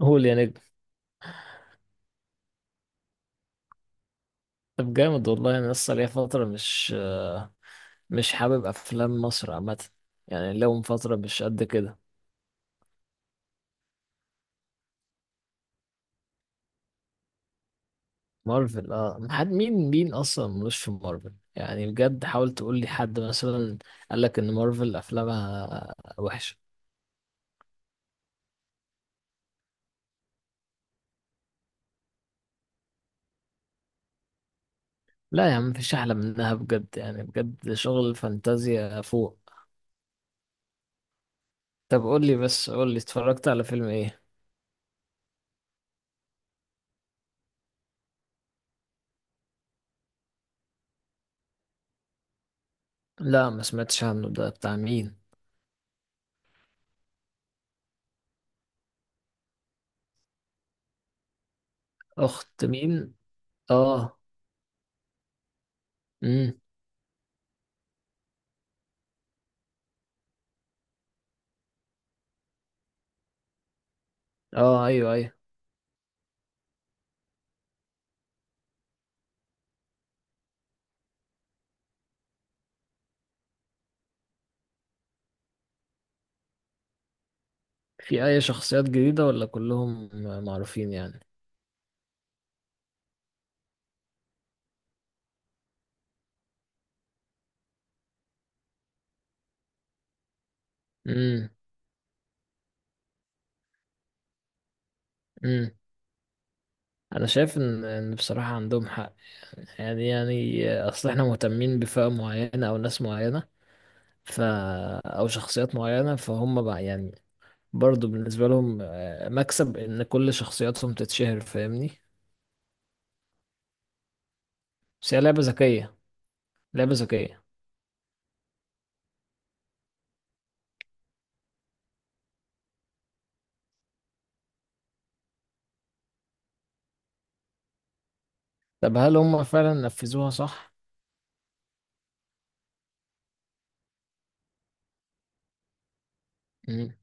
قول يا نجم. طب جامد والله، انا لسه ليا فتره مش حابب افلام مصر عامه. يعني لهم فتره مش قد كده. مارفل اه، حد مين اصلا ملوش في مارفل، يعني بجد حاول تقول لي حد مثلا قال لك ان مارفل افلامها وحشه. لا يا عم مفيش احلى منها بجد، يعني بجد شغل فانتازيا فوق. طب قول لي اتفرجت على فيلم ايه؟ لا ما سمعتش عنه، ده بتاع مين؟ اخت مين؟ اه. امم. اه ايوه ايوه. في اي شخصيات جديدة ولا كلهم معروفين يعني؟ امم. امم. انا شايف ان بصراحة عندهم حق. يعني اصل احنا مهتمين بفئة معينة او ناس معينة، ف او شخصيات معينة فهم بقى يعني برضو بالنسبة لهم، آه، مكسب ان كل شخصياتهم تتشهر، فاهمني؟ بس هي لعبة ذكية. لعبة ذكية. طب هل هم فعلا نفذوها صح؟ امم.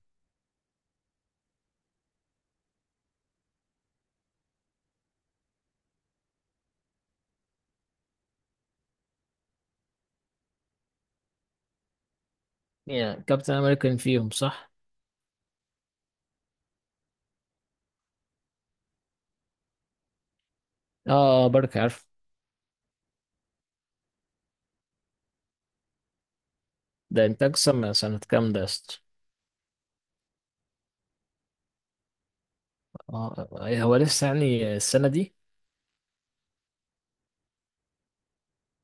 يعني كابتن امريكان فيهم صح؟ اه. آه، بركة عارف. ده انتاج سنة كام ده يا اسطى؟ اه. هو لسه يعني السنة دي؟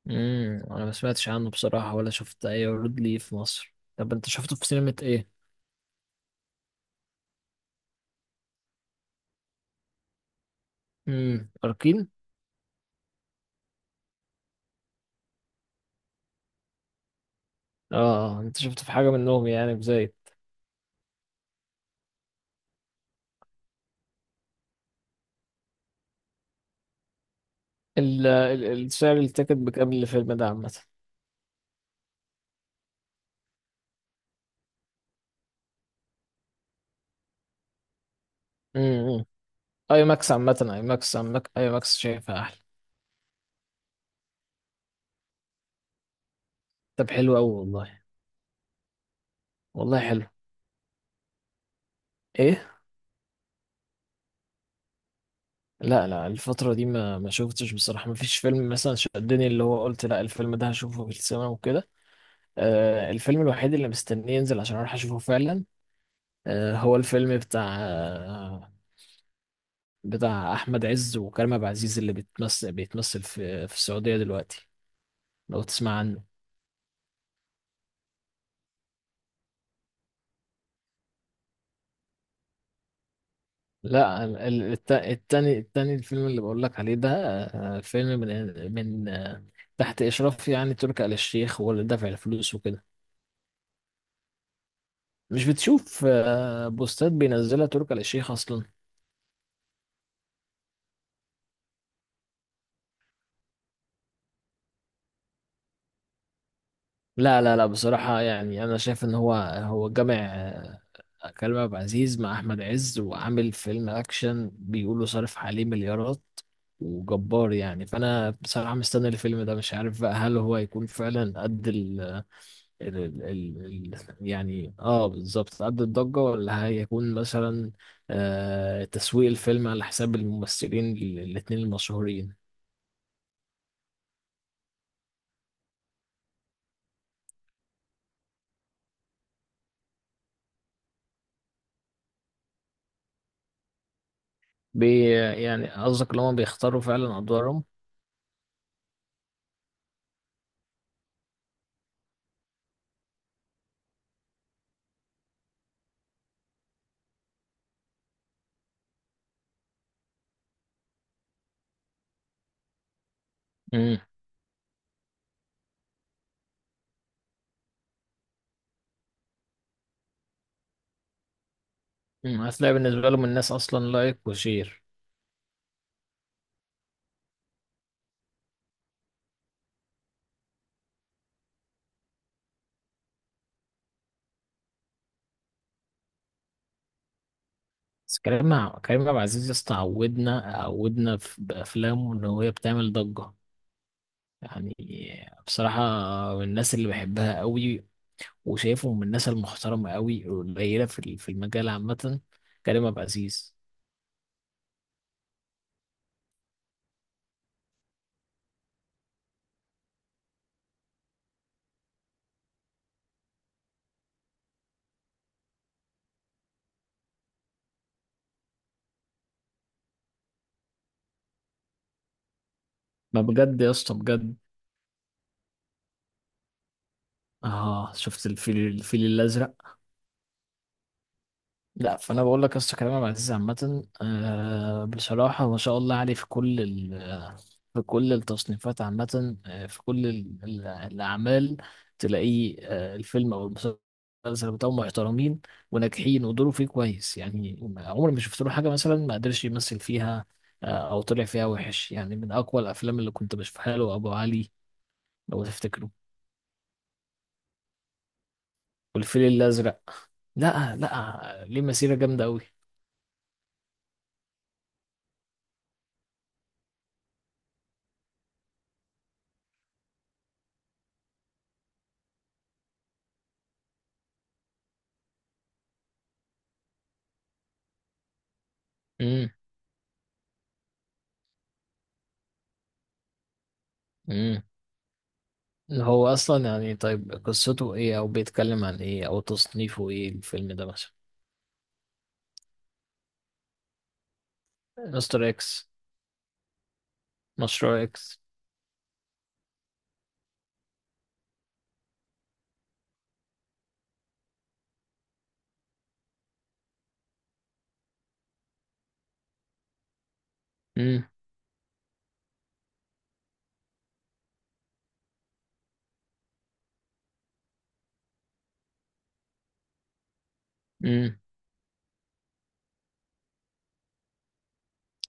امم. انا ما سمعتش عنه بصراحة ولا شفت اي عروض ليه في مصر. طب انت شفته في سينما ايه؟ امم، اركين. اه، آه، انت شفته في حاجة منهم يعني بزايد؟ سعر التيكت بكام الفيلم ده عامة؟ امم. اي ماكس عامة، اي ماكس عامة، اي ماكس شايفها احلى. طب حلو قوي والله. والله حلو. ايه؟ لا لا، الفترة دي ما شفتش بصراحة. ما فيش فيلم مثلا شدني اللي هو قلت لا الفيلم ده هشوفه في السينما وكده. آه، الفيلم الوحيد اللي مستنيه ينزل عشان اروح اشوفه فعلا، آه، هو الفيلم بتاع احمد عز وكريم عبد العزيز، اللي بيتمثل في السعوديه دلوقتي، لو تسمع عنه. لا ال- ال- الت- التاني التاني، الفيلم اللي بقول لك عليه ده، آه، فيلم من تحت اشراف يعني تركي آل الشيخ، هو اللي دافع الفلوس وكده. مش بتشوف آه، بوستات بينزلها تركي آل الشيخ اصلا؟ لا بصراحة يعني، شايف إن هو جامع آه، كريم عبد العزيز مع أحمد عز، وعامل فيلم أكشن بيقولوا صارف عليه مليارات وجبار يعني. فأنا بصراحة مستني الفيلم ده، مش عارف بقى هل هو هيكون فعلا قد ال يعني اه بالظبط قد الضجة، ولا هيكون مثلا آه تسويق الفيلم على حساب الممثلين الاتنين المشهورين. بي يعني قصدك اللي هما بيختاروا فعلا أدوارهم؟ مم، هتلاقي بالنسبة لهم الناس أصلا لايك وشير. بس كريم عبد العزيز يا اسطى عودنا بأفلامه إن هي بتعمل ضجة. يعني بصراحة من الناس اللي بحبها قوي، وشايفه من الناس المحترمة قوي القليلة في في المجال عامة، كريم عبد العزيز. ما بجد يا اسطى بجد، اه شفت الفيل الأزرق. لا فانا بقول لك يا اسطى، كريم عبد العزيز عامه آه، بصراحه ما شاء الله عليه، في كل في كل التصنيفات عامه، آه، في كل الاعمال تلاقيه آه، الفيلم او المسلسل بتاعه محترمين وناجحين، ودوره فيه كويس. يعني عمري ما شفت له حاجه مثلا ما قدرش يمثل فيها، آه، او طلع فيها وحش. يعني من اقوى الافلام اللي كنت بشوفها له ابو علي، لو تفتكره. والفيل الازرق، لا لا ليه مسيره جامده قوي. هو اصلا يعني، طيب قصته ايه او بيتكلم عن ايه او تصنيفه ايه الفيلم ده مثلا؟ مستر اكس. مشروع اكس. امم. امم.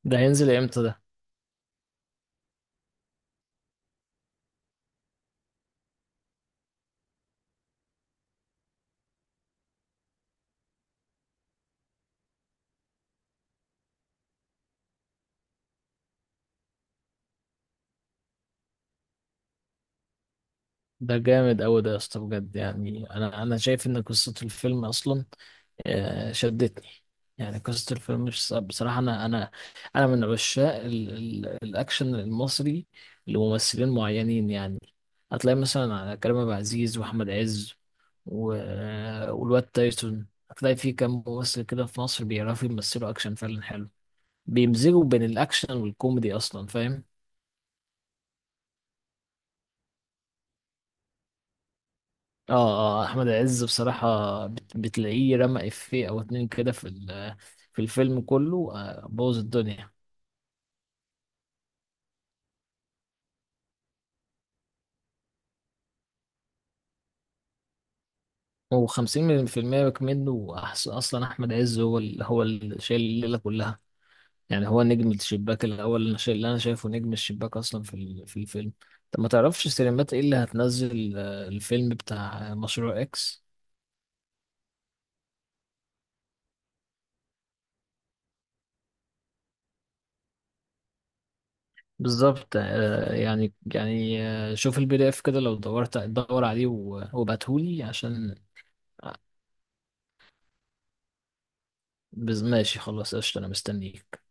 ده هينزل امتى ده؟ ده جامد قوي ده يا اسطى بجد. يعني انا شايف ان قصة الفيلم اصلا آه، شدتني. يعني قصة الفيلم بصراحة، أنا من عشاق ال ال الأكشن المصري لممثلين معينين يعني. هتلاقي مثلا على كريم عبد العزيز وأحمد عز والواد تايسون، هتلاقي في كام ممثل كده في مصر بيعرفوا يمثلوا أكشن فعلا حلو، بيمزجوا بين الأكشن والكوميدي أصلا، فاهم؟ اه اه، أحمد عز بصراحة بتلاقيه رمى إفيه أو اتنين كده في في الفيلم كله، آه، بوظ الدنيا. هو 50% منه اصلا احمد عز هو هو اللي شايل الليله كلها. يعني هو نجم الشباك الاول اللي اللي انا شايفه نجم الشباك اصلا في في الفيلم. طب ما تعرفش سينمات ايه اللي هتنزل آه، الفيلم بتاع مشروع اكس؟ بالظبط آه، يعني يعني آه، شوف البي دي اف كده لو دورت دور عليه وابعتهولي عشان آه. ماشي خلاص قشطة، انا مستنيك.